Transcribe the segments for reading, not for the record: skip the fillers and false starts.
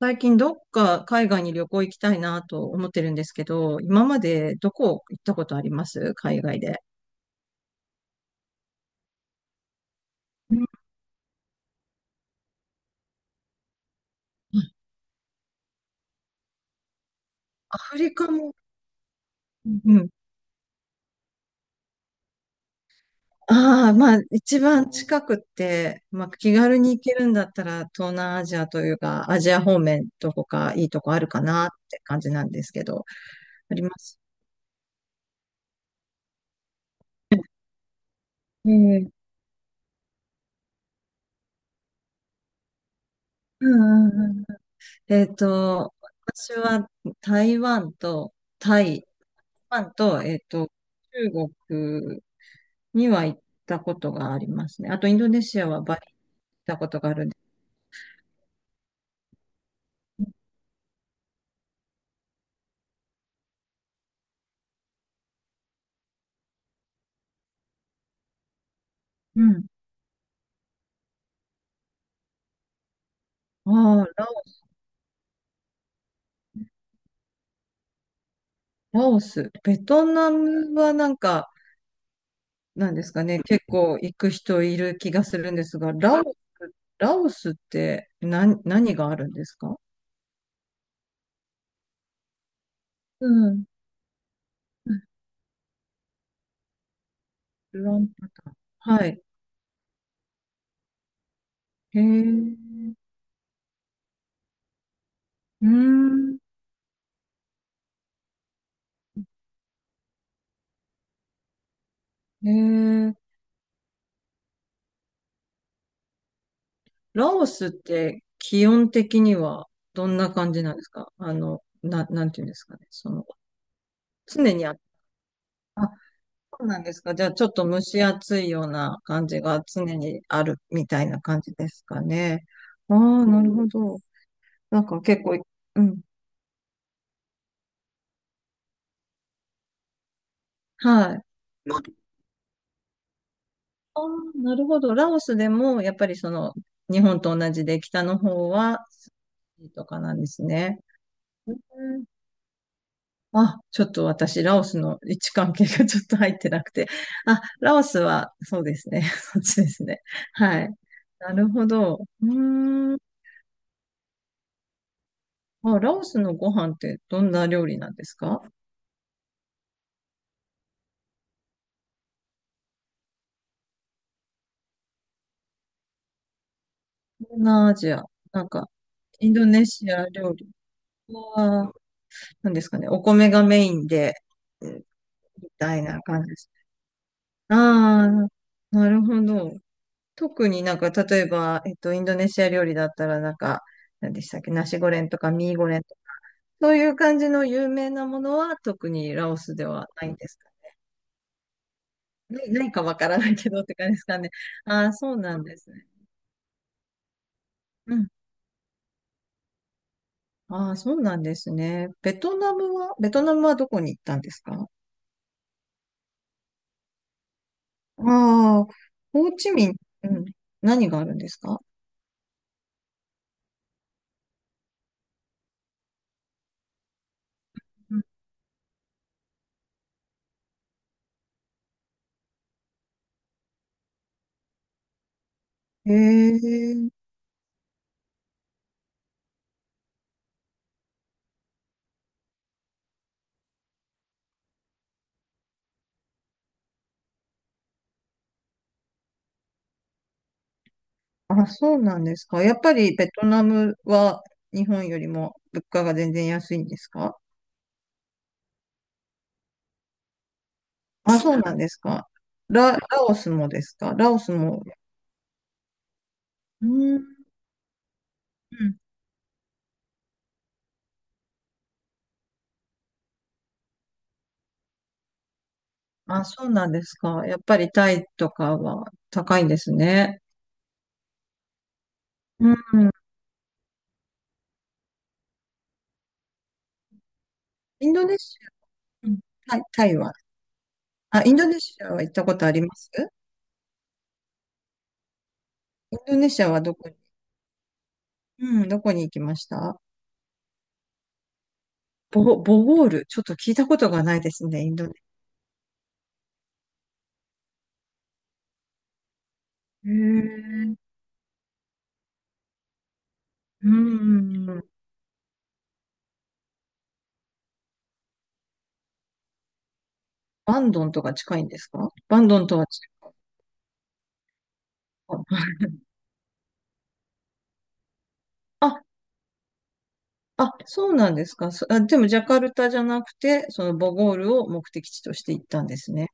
最近どっか海外に旅行行きたいなと思ってるんですけど、今までどこ行ったことあります海外で。うん、アフリカも、うん。ああ、まあ一番近くって、まあ気軽に行けるんだったら東南アジアというかアジア方面どこかいいとこあるかなって感じなんですけど、あります。ええ、うんうんうん。えっと、私は台湾とタイ、台湾と、中国には行ったことがありますね。あと、インドネシアはバリ行ったことがあるんで。うん。ああ、ラオス。ベトナムはなんか、なんですかね、結構行く人いる気がするんですが、ラオス、ラオスって何があるんですか？うん。ルアンパタン。はい。へえ。うーん。へえ。ラオスって気温的にはどんな感じなんですか？あの、なんていうんですかね。その、常にあ、そうなんですか。じゃあ、ちょっと蒸し暑いような感じが常にあるみたいな感じですかね。ああ、なるほど。なんか結構、うん。はい。まあ、あ、なるほど。ラオスでも、やっぱりその、日本と同じで北の方は、とかなんですね。うん。あ、ちょっと私、ラオスの位置関係がちょっと入ってなくて。あ、ラオスは、そうですね。そっちですね。はい。なるほど。うーん。あ、ラオスのご飯ってどんな料理なんですか？東南アジア。なんか、インドネシア料理は、なんですかね、お米がメインで、うんみたいな感じです。ああ、なるほど。特になんか、例えば、インドネシア料理だったら、なんか、何でしたっけ、ナシゴレンとかミーゴレンとか、そういう感じの有名なものは、特にラオスではないんですかね。ないないかわからないけどって感じですかね。ああ、そうなんですね。ああ、そうなんですね。ベトナムは、ベトナムはどこに行ったんですか？ああ、ホーチミン、うん、何があるんですか？うん。へえ、あ、そうなんですか。やっぱりベトナムは日本よりも物価が全然安いんですか？あ、そうなんですか。ラオスもですか、ラオスも。うん、うん。あ、そうなんですか。やっぱりタイとかは高いんですね。うん、インドネシア、うん、タイは、あ、インドネシアは行ったことあります？インドネシアはどこに、うん、どこに行きました？ボゴール。ちょっと聞いたことがないですね、インドネシア。へえ。うん。バンドンとか近いんですか？バンドンとは違う。あ、あ、そうなんですか。そ、あ、でもジャカルタじゃなくて、そのボゴールを目的地として行ったんですね。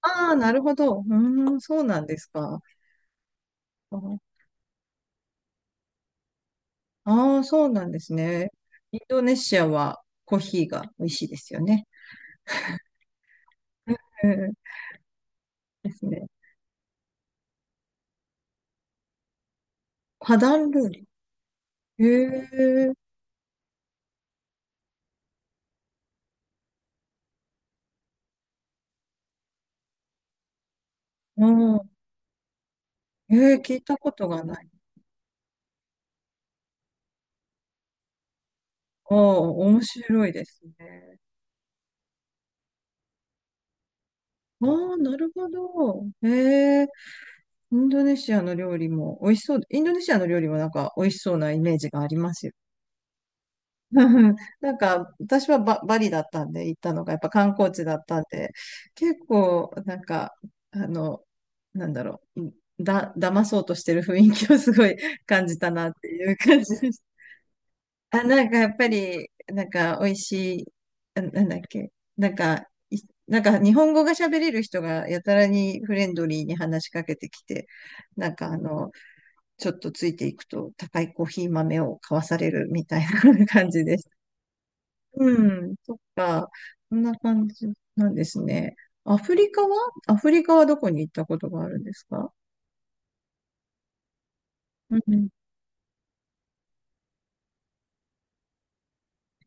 ああ、なるほど。うーん、そうなんですか。ああー、そうなんですね。インドネシアはコーヒーが美味しいですよね。うん、ですね。花壇料理。へえ、うん。へえ、聞いたことがない。ああ、面白いですね。ああ、なるほど。へえ、インドネシアの料理も美味しそう。インドネシアの料理もなんか美味しそうなイメージがありますよ。なんか、私はバリだったんで行ったのが、やっぱ観光地だったんで、結構、なんか、あの、なんだろう、騙そうとしてる雰囲気をすごい感じたなっていう感じ。あ、なんかやっぱり、なんか美味しい、あなんだっけ、なんか、いなんか日本語が喋れる人がやたらにフレンドリーに話しかけてきて、なんかあの、ちょっとついていくと高いコーヒー豆を買わされるみたいな 感じです。うん、そっか、そんな感じなんですね。アフリカは、アフリカはどこに行ったことがあるんですか？うん、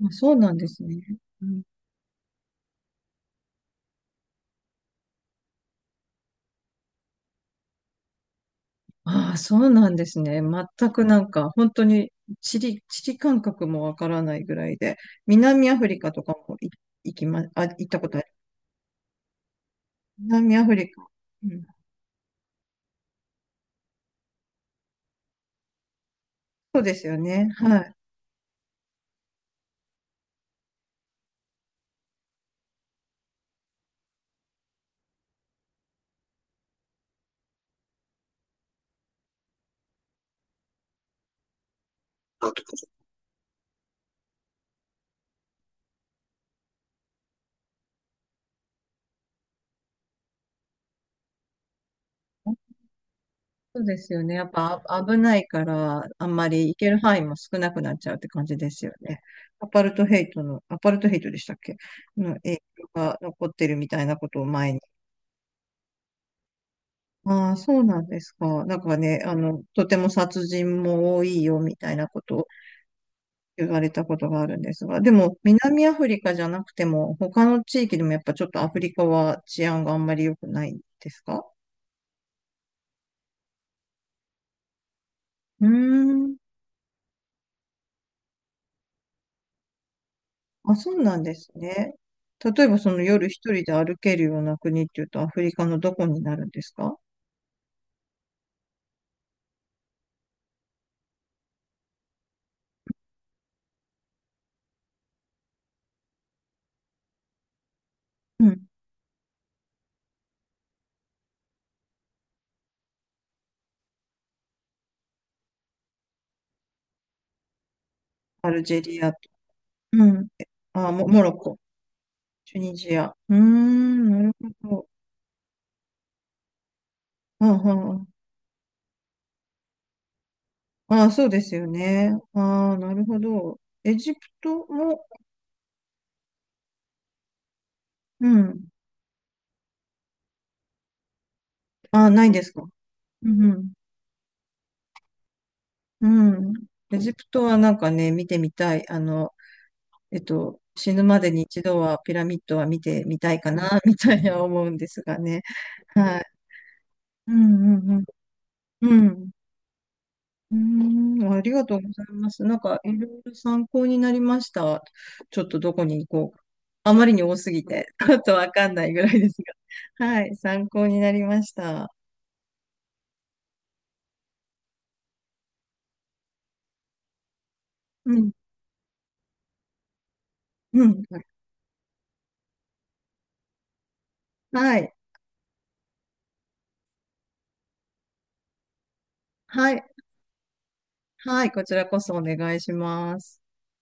あ、そうなんですね。うん。ああ、そうなんですね。全くなんか、本当に地理感覚もわからないぐらいで、南アフリカとかもい行きま、あ、行ったことある。南アフリカ。うん、そうですよね。はい。そうですよね。やっぱあ危ないから、あんまり行ける範囲も少なくなっちゃうって感じですよね。アパルトヘイトでしたっけ、の影響が残ってるみたいなことを前に。ああ、そうなんですか。なんかね、あの、とても殺人も多いよみたいなことを言われたことがあるんですが、でも南アフリカじゃなくても、他の地域でもやっぱちょっとアフリカは治安があんまり良くないですか？うーん。あ、そうなんですね。例えばその夜一人で歩けるような国っていうとアフリカのどこになるんですか？うん。アルジェリアと。うん。え、あ、モロッコ。チュニジア。うーん、なるほど。あ、はあ、あ、そうですよね。ああ、なるほど。エジプトも、うん。あ、ないですか。うんうんうん。エジプトはなんかね、見てみたい。あの、死ぬまでに一度はピラミッドは見てみたいかな、みたいな思うんですがね。はい。うんうんうん。うん。うん。ありがとうございます。なんか、いろいろ参考になりました。ちょっとどこに行こうか。あまりに多すぎて、ちょっとわかんないぐらいですが。はい。参考になりました。うん。うん。はい。はい。はい。こちらこそお願いします。